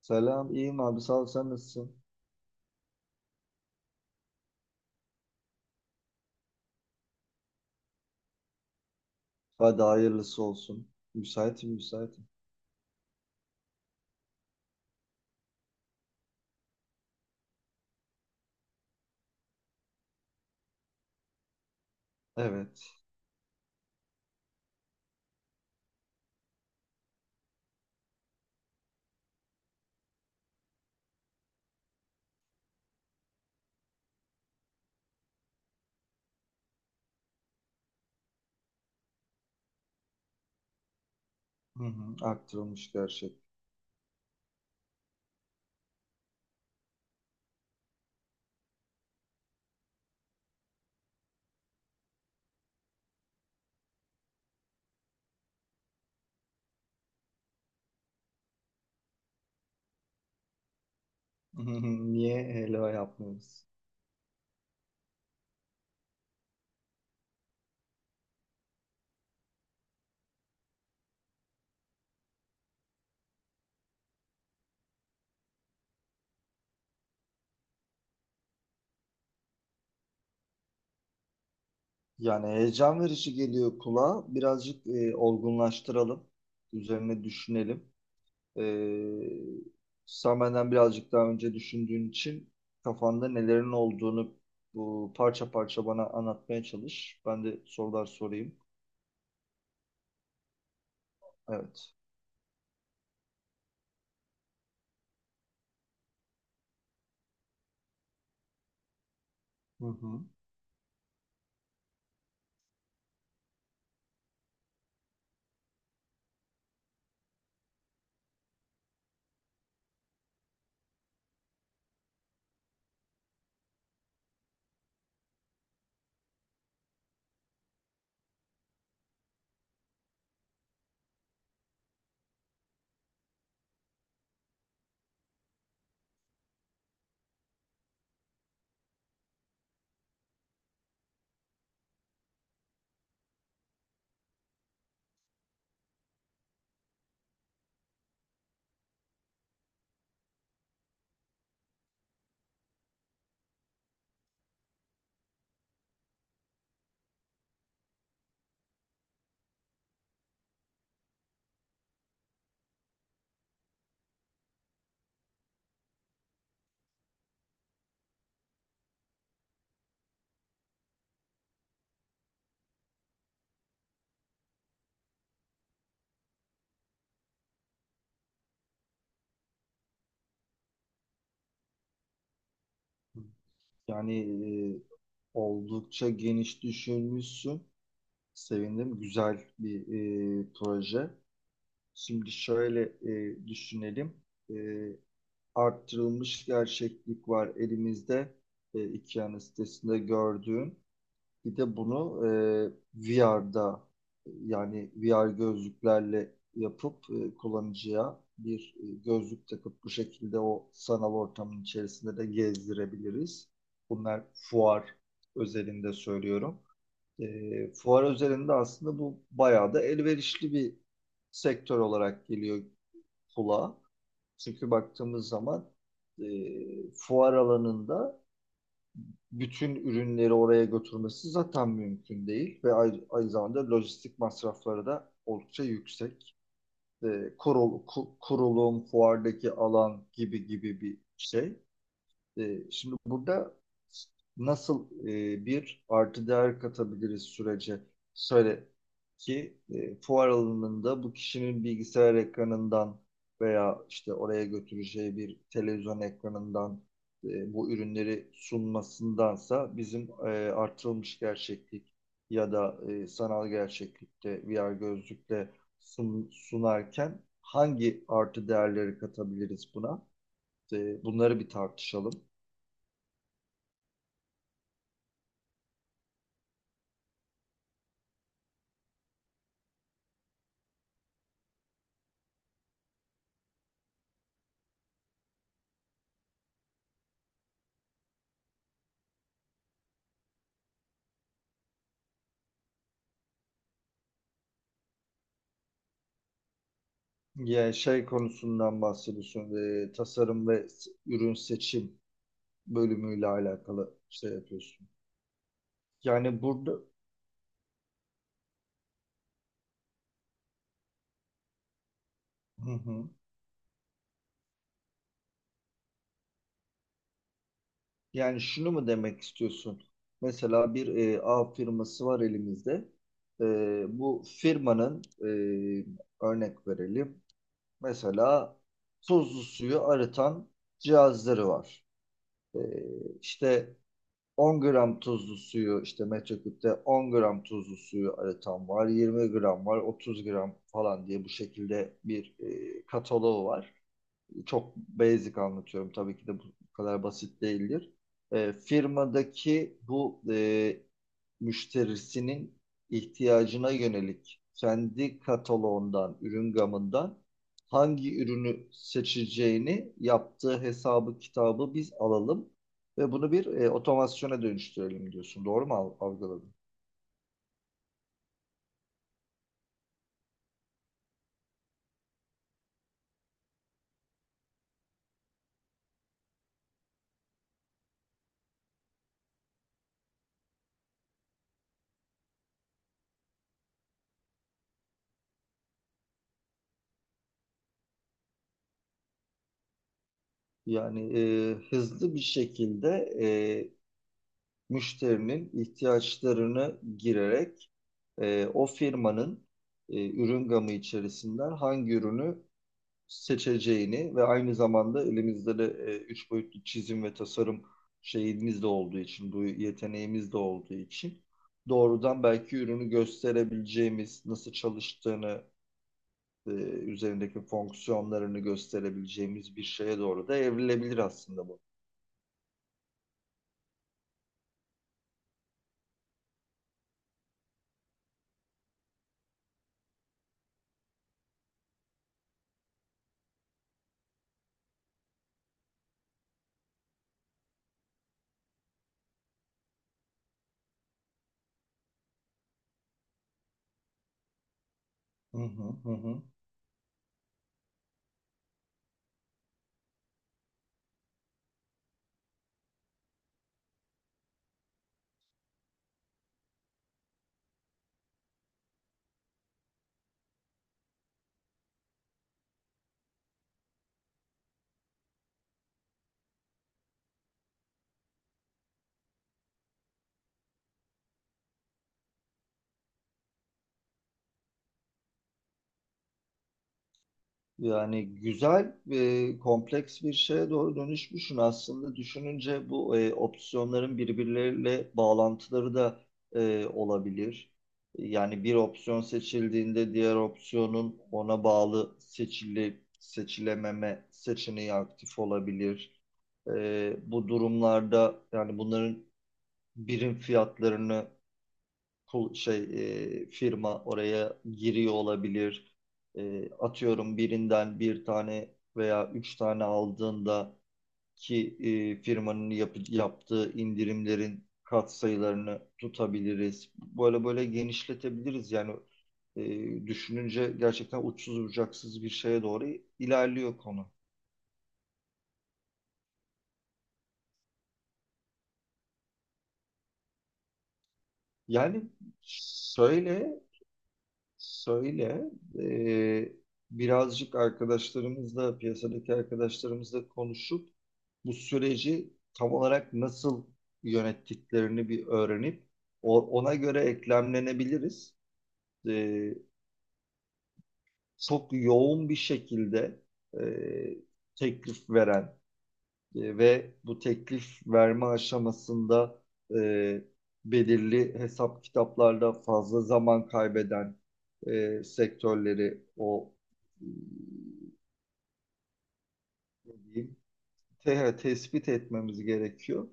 Selam, iyiyim abi. Sağ ol, sen nasılsın? Hadi hayırlısı olsun. Müsaitim. Evet. Hı hı, aktırılmış gerçek. Hı hı, niye helva yapmıyoruz? Yani heyecan verici geliyor kulağa. Birazcık olgunlaştıralım. Üzerine düşünelim. E, Sen benden birazcık daha önce düşündüğün için kafanda nelerin olduğunu bu parça parça bana anlatmaya çalış. Ben de sorular sorayım. Evet. Hı hı. Yani e, oldukça geniş düşünmüşsün. Sevindim. Güzel bir proje. Şimdi şöyle düşünelim. E, Arttırılmış gerçeklik var elimizde. E, iki sitesinde gördüğün. Bir de bunu VR'da, yani VR gözlüklerle yapıp kullanıcıya bir gözlük takıp bu şekilde o sanal ortamın içerisinde de gezdirebiliriz. Bunlar fuar özelinde söylüyorum. E, fuar özelinde aslında bu bayağı da elverişli bir sektör olarak geliyor kulağa. Çünkü baktığımız zaman fuar alanında bütün ürünleri oraya götürmesi zaten mümkün değil ve aynı zamanda lojistik masrafları da oldukça yüksek. E, Kurulum, fuardaki alan gibi gibi bir şey. E, şimdi burada nasıl bir artı değer katabiliriz sürece? Söyle ki fuar alanında bu kişinin bilgisayar ekranından veya işte oraya götüreceği bir televizyon ekranından bu ürünleri sunmasındansa bizim artırılmış gerçeklik ya da sanal gerçeklikte VR gözlükle sunarken hangi artı değerleri katabiliriz buna? E, bunları bir tartışalım. Ya şey konusundan bahsediyorsun. Tasarım ve ürün seçim bölümüyle alakalı şey yapıyorsun. Yani burada hı hı. Yani şunu mu demek istiyorsun? Mesela bir A firması var elimizde. E, bu firmanın e, Örnek verelim. Mesela tuzlu suyu arıtan cihazları var. E, işte 10 gram tuzlu suyu işte metreküpte 10 gram tuzlu suyu aratan var, 20 gram var, 30 gram falan diye bu şekilde bir kataloğu var. Çok basic anlatıyorum, tabii ki de bu kadar basit değildir. Firmadaki bu müşterisinin ihtiyacına yönelik kendi kataloğundan, ürün gamından hangi ürünü seçeceğini yaptığı hesabı, kitabı biz alalım ve bunu bir otomasyona dönüştürelim diyorsun. Doğru mu algıladım? Yani hızlı bir şekilde e, müşterinin ihtiyaçlarını girerek o firmanın ürün gamı içerisinden hangi ürünü seçeceğini ve aynı zamanda elimizde de üç boyutlu çizim ve tasarım şeyimiz de olduğu için, bu yeteneğimiz de olduğu için doğrudan belki ürünü gösterebileceğimiz, nasıl çalıştığını, üzerindeki fonksiyonlarını gösterebileceğimiz bir şeye doğru da evrilebilir aslında bu. Hı hı. Yani güzel ve kompleks bir şeye doğru dönüşmüşsün aslında. Düşününce bu opsiyonların birbirleriyle bağlantıları da olabilir. Yani bir opsiyon seçildiğinde diğer opsiyonun ona bağlı seçilememe seçeneği aktif olabilir. E, bu durumlarda yani bunların birim fiyatlarını kul- şey firma oraya giriyor olabilir. E, atıyorum birinden bir tane veya üç tane aldığında ki firmanın yaptığı indirimlerin katsayılarını tutabiliriz. Böyle böyle genişletebiliriz yani düşününce gerçekten uçsuz bucaksız bir şeye doğru ilerliyor konu. Yani şöyle Söyle, eee, Birazcık arkadaşlarımızla, piyasadaki arkadaşlarımızla konuşup bu süreci tam olarak nasıl yönettiklerini bir öğrenip ona göre eklemlenebiliriz. Eee, Çok yoğun bir şekilde eee, teklif veren ve bu teklif verme aşamasında e, belirli hesap kitaplarla fazla zaman kaybeden sektörleri o e, ne diyeyim, te- evet, tespit etmemiz gerekiyor.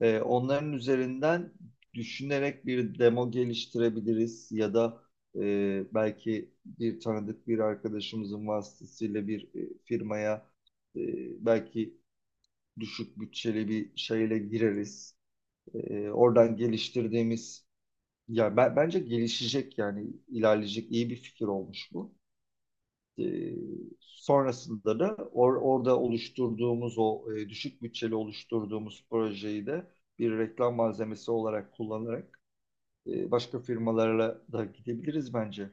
E, onların üzerinden düşünerek bir demo geliştirebiliriz ya da belki bir tanıdık bir arkadaşımızın vasıtasıyla bir firmaya e, belki düşük bütçeli bir şeyle gireriz. Oradan geliştirdiğimiz ya ben, Bence gelişecek, yani ilerleyecek iyi bir fikir olmuş bu. Ee, Sonrasında da orada oluşturduğumuz o düşük bütçeli oluşturduğumuz projeyi de bir reklam malzemesi olarak kullanarak başka firmalarla da gidebiliriz bence.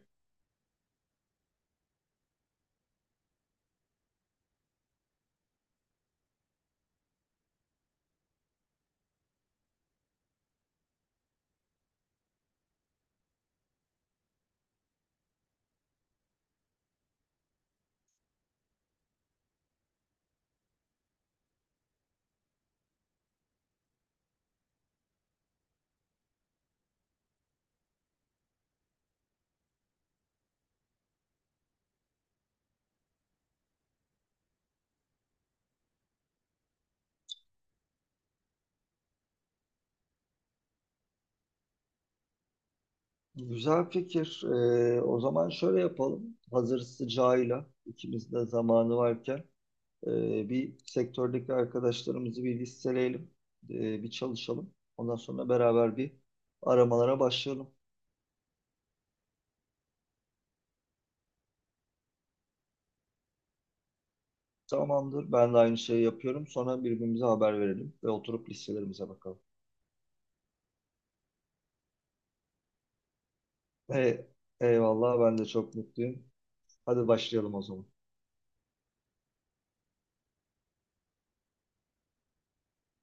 Güzel fikir. O zaman şöyle yapalım. Hazır sıcağıyla ikimiz de zamanı varken bir sektördeki arkadaşlarımızı bir listeleyelim, bir çalışalım. Ondan sonra beraber bir aramalara başlayalım. Tamamdır. Ben de aynı şeyi yapıyorum. Sonra birbirimize haber verelim ve oturup listelerimize bakalım. Ee, Eyvallah. Ben de çok mutluyum. Hadi başlayalım o zaman.